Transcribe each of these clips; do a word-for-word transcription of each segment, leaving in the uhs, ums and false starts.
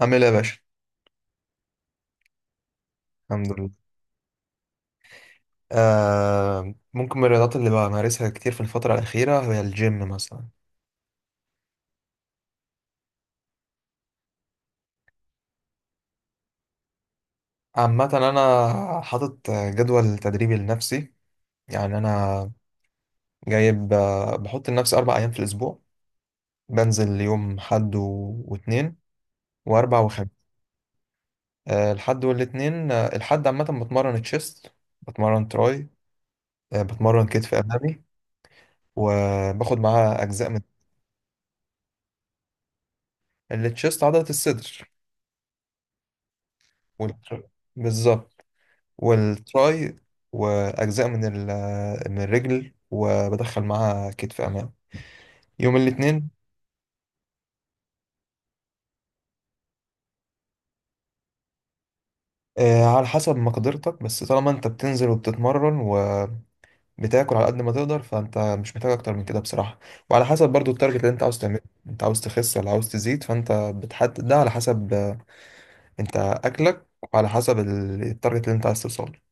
عامل ايه يا باشا؟ الحمد لله. آه ممكن من الرياضات اللي بمارسها كتير في الفترة الأخيرة هي الجيم مثلا. عامة أنا حاطط جدول تدريبي لنفسي. يعني أنا جايب آه، بحط لنفسي أربع أيام في الأسبوع. بنزل يوم حد و- واتنين وأربع وخميس. آه الحد والاتنين، آه، الحد عامة بتمرن تشيست، بتمرن تراي، آه بتمرن كتف أمامي، وباخد معاها أجزاء من التشيست عضلة الصدر وال- بالظبط، والتراي، واجزاء من ال- من الرجل، وبدخل معاها كتف امام يوم الاثنين. على حسب مقدرتك، بس طالما انت بتنزل وبتتمرن وبتاكل على قد ما تقدر، فانت مش محتاج اكتر من كده بصراحة، وعلى حسب برضو التارجت اللي انت عاوز تعمله. انت عاوز تخس ولا عاوز تزيد؟ فانت بتحدد ده على حسب آه، انت اكلك، وعلى حسب ال- التارجت اللي انت عايز توصله.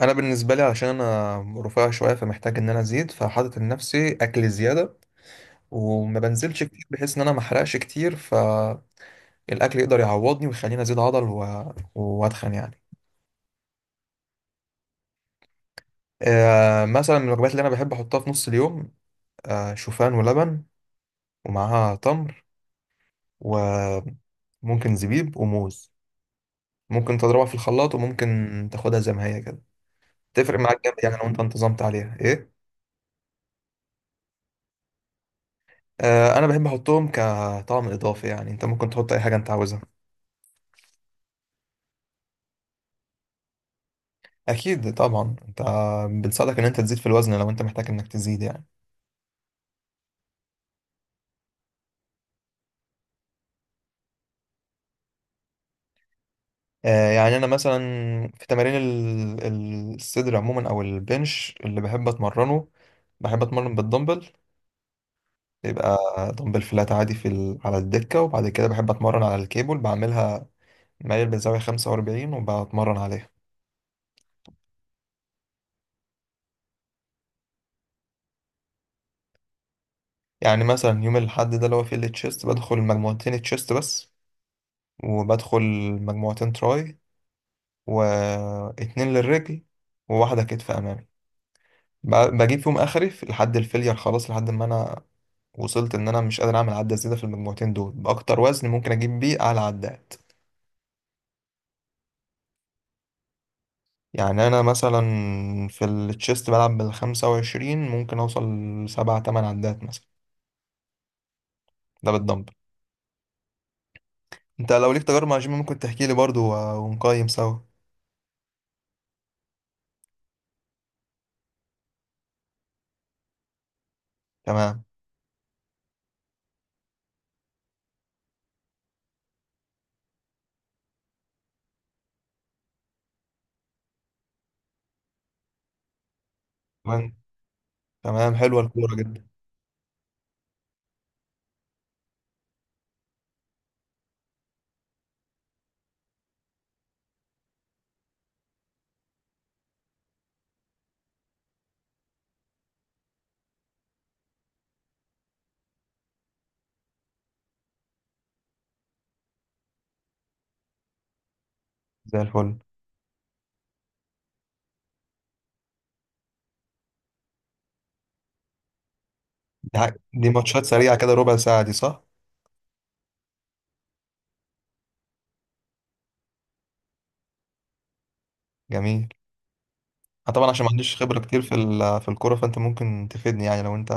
انا بالنسبة لي علشان انا رفيع شوية فمحتاج ان انا ازيد، فحاطط لنفسي اكل زيادة وما بنزلش كتير بحيث ان انا ما احرقش كتير، فالاكل يقدر يعوضني ويخليني ازيد عضل و... واتخن يعني. آه مثلا من الوجبات اللي انا بحب احطها في نص اليوم، آه شوفان ولبن ومعاها تمر وممكن زبيب وموز. ممكن تضربها في الخلاط وممكن تاخدها زي ما هي كده. تفرق معاك جامد يعني لو انت انتظمت عليها ايه. آه انا بحب احطهم كطعم اضافي يعني، انت ممكن تحط اي حاجه انت عاوزها. اكيد طبعا، انت بنساعدك ان انت تزيد في الوزن لو انت محتاج انك تزيد يعني. آه، يعني انا مثلا في تمارين ال- ال- الصدر عموما او البنش اللي بحب اتمرنه، بحب اتمرن بالدمبل. يبقى دمبل فلات عادي في ال... على الدكة، وبعد كده بحب اتمرن على الكيبل بعملها مايل بزاوية خمسة وأربعين وبتمرن عليها. يعني مثلا يوم الاحد ده اللي هو فيه التشيست، بدخل مجموعتين تشيست بس، وبدخل مجموعتين تراي، واتنين للرجل، وواحدة كتف امامي. ب- بجيب فيهم اخري في- لحد الفيلير خلاص، لحد ما انا وصلت ان انا مش قادر اعمل عدة زيادة في المجموعتين دول باكتر وزن ممكن اجيب بيه اعلى عدات. يعني انا مثلا في التشيست بلعب بالخمسة وعشرين، ممكن اوصل لسبعة تمن عدات مثلا، ده بالدمبل. انت لو ليك تجارب مع جيم ممكن تحكي لي برضو و- ونقيم سوا. تمام، تمام، تمام، حلوة الكورة جدا. زي الفل. دي, حاجة. دي ماتشات سريعة كده، ربع ساعة دي صح؟ جميل. أنا طبعا عشان ما عنديش خبرة كتير في ال- في الكورة، فانت ممكن تفيدني يعني لو انت،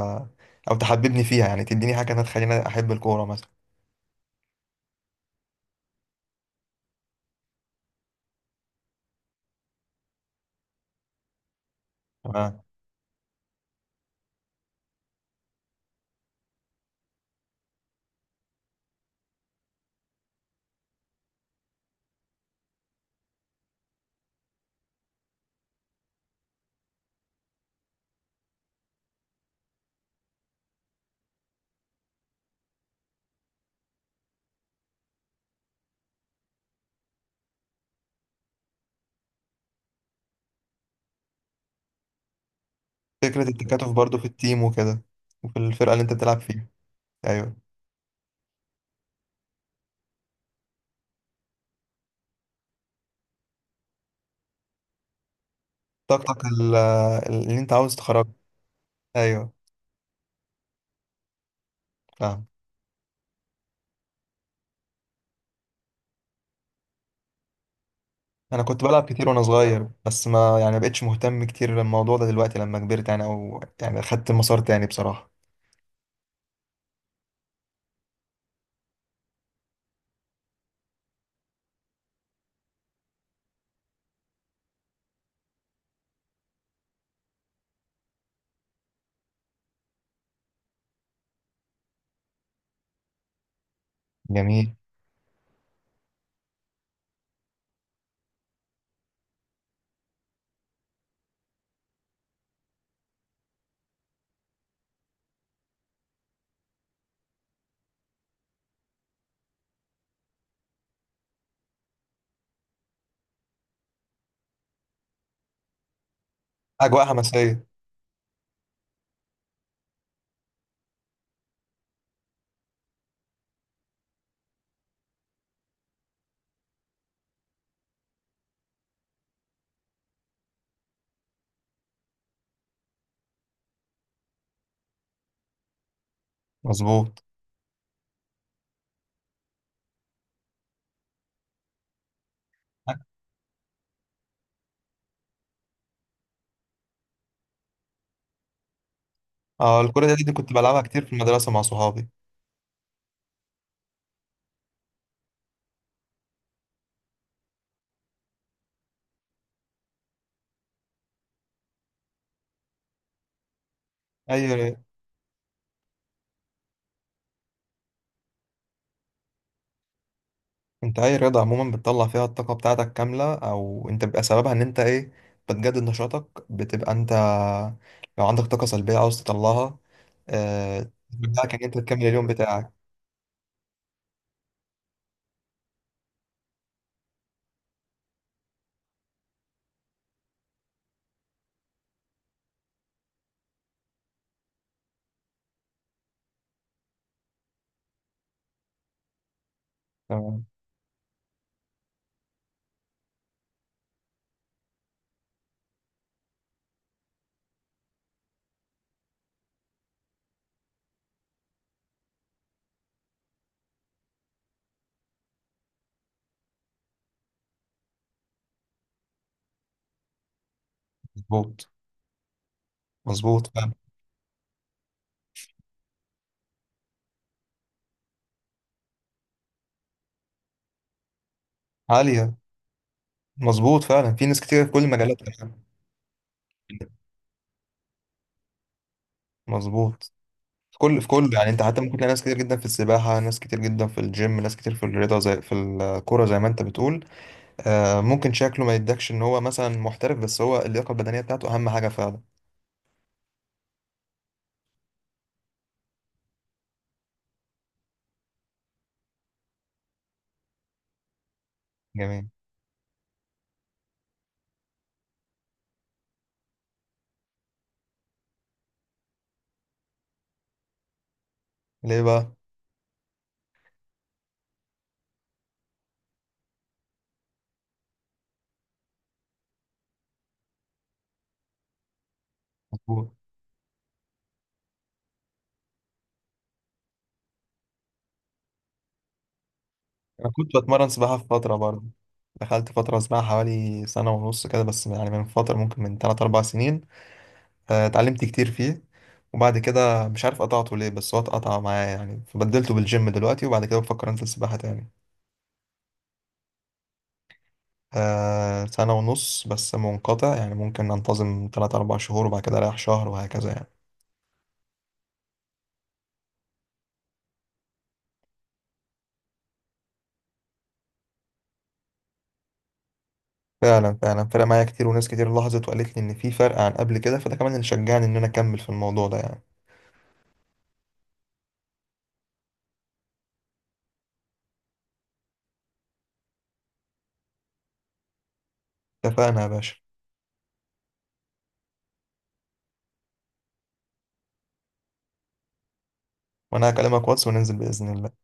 او تحببني فيها يعني، تديني حاجة أنا تخليني احب الكورة مثلا. فكرة التكاتف برضو في التيم وكده، وفي الفرقة اللي انت بتلعب فيها. ايوه. طاقتك ال- اللي انت عاوز تخرجها. ايوه. فاهم. انا كنت بلعب كتير وانا صغير، بس ما يعني ما بقتش مهتم كتير للموضوع ده دلوقتي لما كبرت يعني، او يعني خدت مسار تاني بصراحة. جميل. اجواء حماسية. مظبوط. اه الكرة دي, دي كنت بلعبها كتير في المدرسة مع صحابي. ايوه. انت اي رياضة عموما بتطلع فيها الطاقة بتاعتك كاملة، او انت بيبقى سببها ان انت ايه، بتجدد نشاطك، بتبقى انت لو عندك طاقة سلبية عاوز تطلعها، آه، بتاعك ان انت تكمل اليوم بتاعك. تمام. مظبوط. مظبوط فعلا. عالية. مظبوط فعلا، في ناس كتير في كل المجالات كمان. مظبوط، في كل في كل يعني، انت حتى ممكن تلاقي ناس كتير جدا في السباحة، ناس كتير جدا في الجيم، ناس كتير في الرياضة زي في الكورة زي ما انت بتقول. آه، ممكن شكله ما يدكش ان هو مثلا محترف، بس هو اللياقة البدنية بتاعته اهم حاجة فعلا. جميل. ليه بقى؟ مظبوط. انا كنت بتمرن سباحه في فتره برضه. دخلت فتره سباحه حوالي سنه ونص كده، بس يعني من فتره، ممكن من ثلاثة أربعة سنين. آه، اتعلمت كتير فيه، وبعد كده مش عارف قطعته ليه، بس هو اتقطع معايا يعني، فبدلته بالجيم دلوقتي، وبعد كده بفكر انزل سباحه تاني. آه، سنه ونص بس منقطع يعني، ممكن انتظم ثلاثة أربعة شهور وبعد كده اريح شهر وهكذا يعني. فعلا، فعلا فرق معايا كتير، وناس كتير لاحظت وقالت لي ان في فرق عن قبل كده، فده كمان اللي شجعني ان انا اكمل في الموضوع ده يعني. اتفقنا يا باشا. وانا هكلمك واتس وننزل باذن الله.